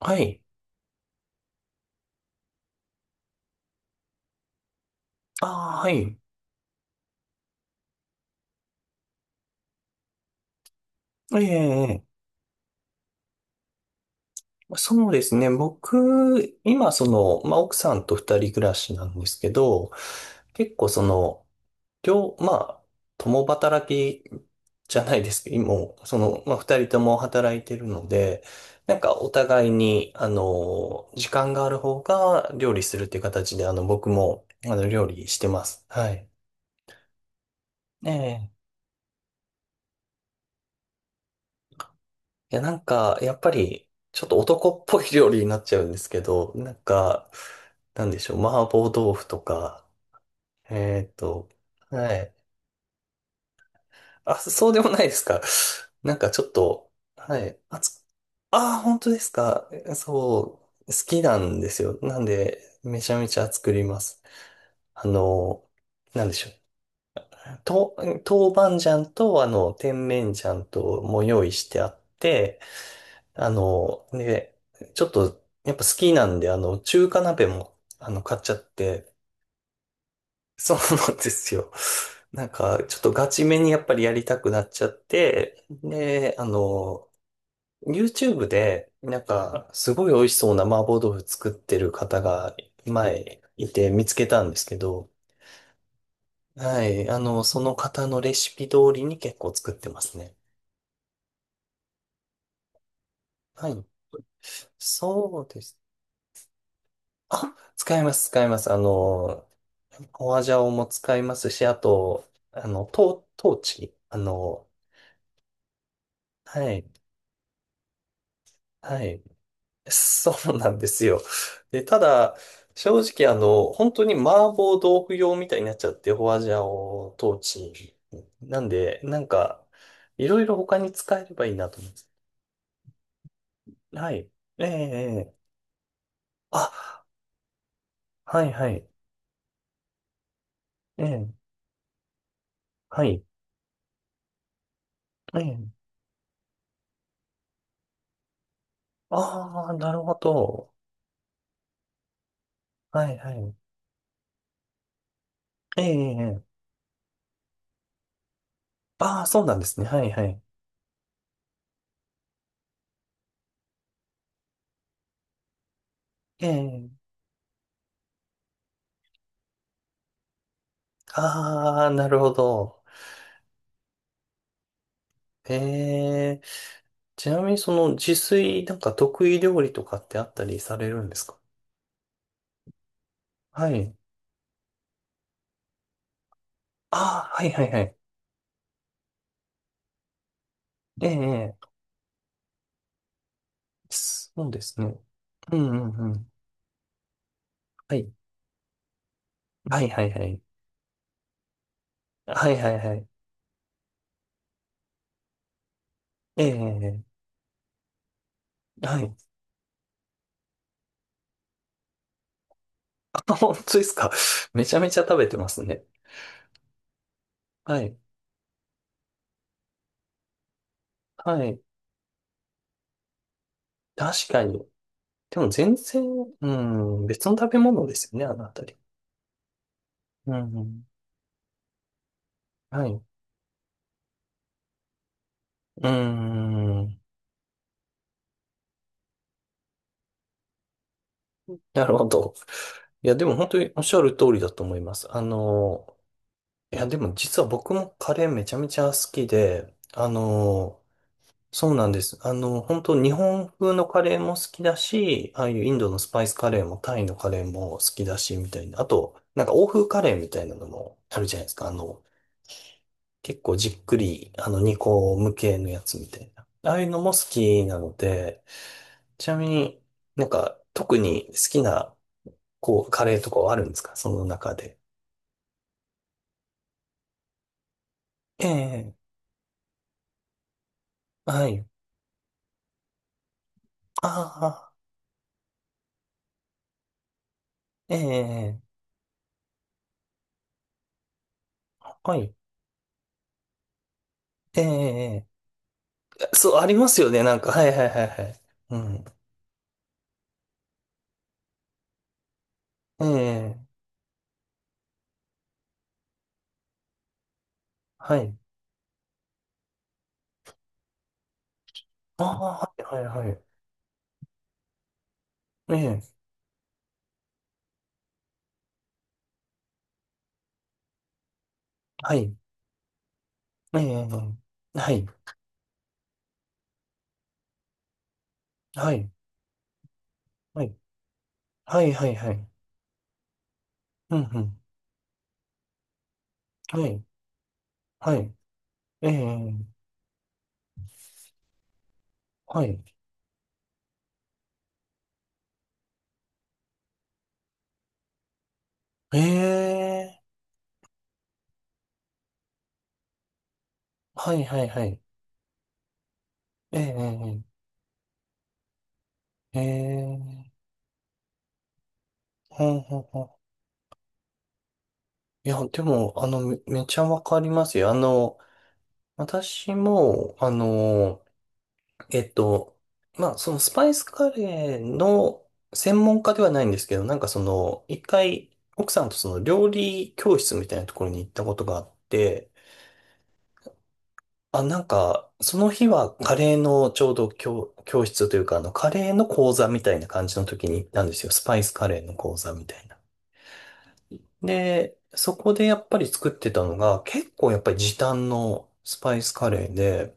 はい。ああ、はい。ええ、ええ、そうですね。僕、今、その、まあ、奥さんと二人暮らしなんですけど、結構、その、まあ、共働きじゃないですけど、もう、その、まあ、二人とも働いてるので、なんか、お互いに、あの、時間がある方が料理するっていう形で、あの、僕も、あの、料理してます。はい。ええ、いや、なんか、やっぱり、ちょっと男っぽい料理になっちゃうんですけど、なんか、なんでしょう、麻婆豆腐とか、えーっと、はい。あ、そうでもないですか。なんかちょっと、はい。あー、本当ですか。そう、好きなんですよ。なんで、めちゃめちゃ作ります。あの、なんでしょう。豆板醤と、あの、甜麺醤とも用意してあって、あの、ね、ちょっと、やっぱ好きなんで、あの、中華鍋も、あの、買っちゃって、そうなんですよ。なんか、ちょっとガチめにやっぱりやりたくなっちゃって、で、あの、YouTube で、なんか、すごい美味しそうな麻婆豆腐作ってる方が、前、いて見つけたんですけど、はい、あの、その方のレシピ通りに結構作ってますね。はい。そうです。あ、使います、使います。あの、ホアジャオも使いますし、あと、あの、トーチ。あの、はい、はい。そうなんですよ。で、ただ、正直、あの、本当に麻婆豆腐用みたいになっちゃって、ホアジャオ、トーチ。なんで、なんか、いろいろ他に使えればいいなと思います。はい。ええ、ええ。あ、はい、はい。ええ、はい。ええ。ああ、なるほど。はい、はい。ええ、ええ、ああ、そうなんですね。はいはい。ええ。ああ、なるほど。ええ。ちなみにその自炊なんか得意料理とかってあったりされるんですか？はい。ああ、はいはいはい。ええ。ええ、そうですね。うんうんうん。はい。はいはいはい。はいはいはい。ええ。ええ、はい。あ、本当ですか。めちゃめちゃ食べてますね。はい。はい。確かに。でも全然、うん、別の食べ物ですよね、あのあたり。うんうん。はい。うーん。なるほど。いや、でも本当におっしゃる通りだと思います。あの、いや、でも実は僕もカレーめちゃめちゃ好きで、あの、そうなんです。あの、本当日本風のカレーも好きだし、ああいうインドのスパイスカレーもタイのカレーも好きだし、みたいな。あと、なんか欧風カレーみたいなのもあるじゃないですか。あの、結構じっくり、あの、煮込む系のやつみたいな。ああいうのも好きなので、ちなみになんか特に好きなこう、カレーとかはあるんですかその中で？ええ、はい。ああ、ええ、はい。ええ、そう、ありますよね。なんか、はいはいはいはい。うん。ええ、はい。ああ、はい、はい、はい。ええ、はい。ええ、はい、はい、はい、はい、はい、はい。うん、うん、はい、はい。ええ、はい。ええ、はい、はい、はい。ええ、ええ、ええ、ほんほんほん。いや、でも、あの、めちゃわかりますよ。あの、私も、あの、えっと、まあ、そのスパイスカレーの専門家ではないんですけど、なんかその、一回、奥さんとその料理教室みたいなところに行ったことがあって、あ、なんか、その日はカレーのちょうど教室というか、あの、カレーの講座みたいな感じの時に行ったんですよ。スパイスカレーの講座みたいな。で、そこでやっぱり作ってたのが、結構やっぱり時短のスパイスカレーで、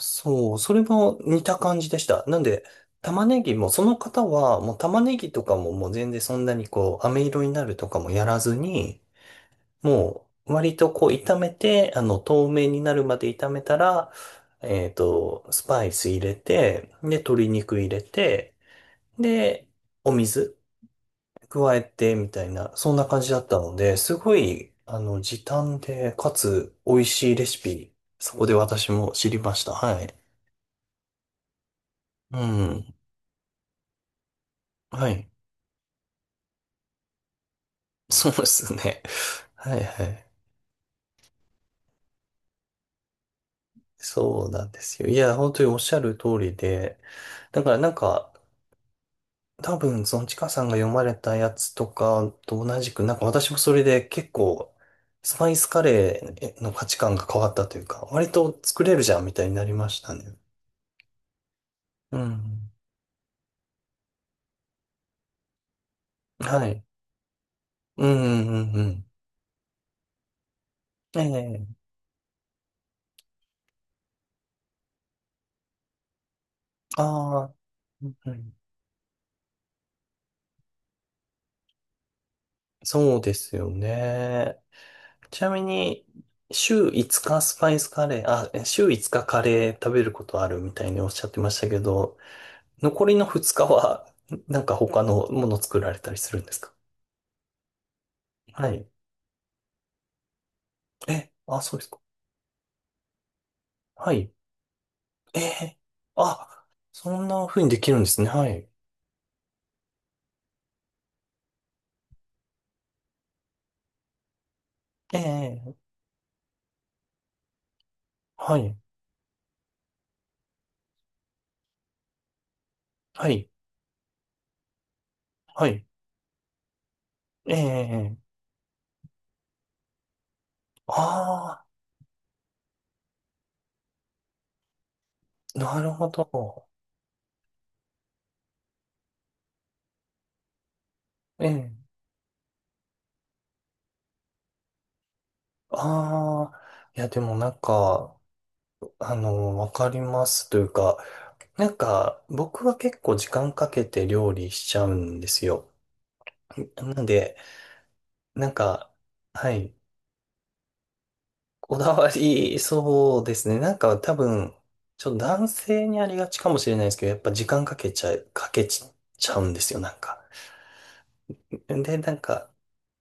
そう、それも似た感じでした。なんで、玉ねぎも、その方は、もう玉ねぎとかももう全然そんなにこう、飴色になるとかもやらずに、もう、割とこう、炒めて、あの、透明になるまで炒めたら、スパイス入れて、で、鶏肉入れて、で、お水、加えてみたいな、そんな感じだったので、すごい、あの、時短で、かつ美味しいレシピ、そこで私も知りました。はい。うん。はい。そうですね。はいはい。そうなんですよ。いや、本当におっしゃる通りで、だからなんか、多分、そのちかさんが読まれたやつとかと同じく、なんか私もそれで結構、スパイスカレーの価値観が変わったというか、割と作れるじゃんみたいになりましたね。うん。はい。うんうんうん、ええ。ああ、うんうん、そうですよね。ちなみに、週5日スパイスカレー、あ、え週5日カレー食べることあるみたいにおっしゃってましたけど、残りの2日は、なんか他のもの作られたりするんですか？はい。え、あ、そうですか。はい。ええ。あ、そんな風にできるんですね。はい。ええ。はい。はい。はい。ええ。ああ、なるほど。ええ。ああ、いや、でもなんか、あの、わかりますというか、なんか、僕は結構時間かけて料理しちゃうんですよ。なんで、なんか、はい、こだわり、そうですね。なんか多分、ちょっと男性にありがちかもしれないですけど、やっぱ時間かけちゃうんですよ、なんか。で、なんか、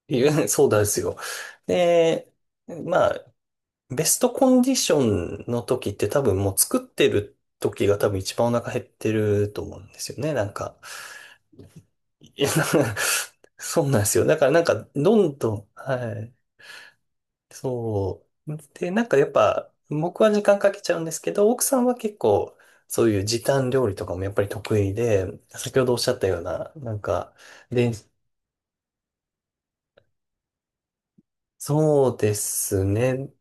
そうなんですよ。で、まあ、ベストコンディションの時って多分もう作ってる時が多分一番お腹減ってると思うんですよね、なんか。いや、そうなんですよ。だからなんか、どんどん、はい。そう。で、なんかやっぱ、僕は時間かけちゃうんですけど、奥さんは結構、そういう時短料理とかもやっぱり得意で、先ほどおっしゃったような、なんか、で、そうですね。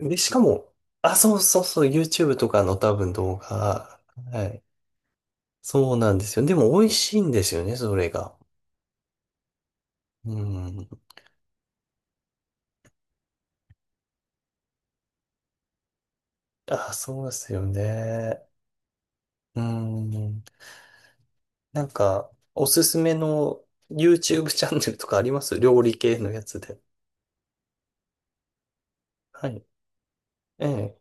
で、しかも、あ、そうそうそう、YouTube とかの多分動画、はい。そうなんですよ。でも美味しいんですよね、それが。うん。あ、そうですよね。うん。なんか、おすすめの YouTube チャンネルとかあります料理系のやつで？はい。ええ。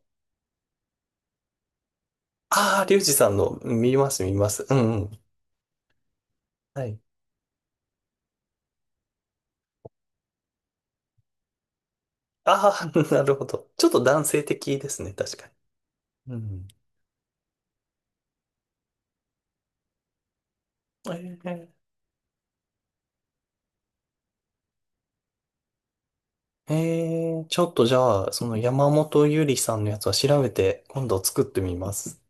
ああ、リュウジさんの見ます、見ます。うんうん。はい。ああ、なるほど。ちょっと男性的ですね、確かに。うん。ええ。ええ、ちょっとじゃあ、その山本ゆりさんのやつは調べて、今度作ってみます。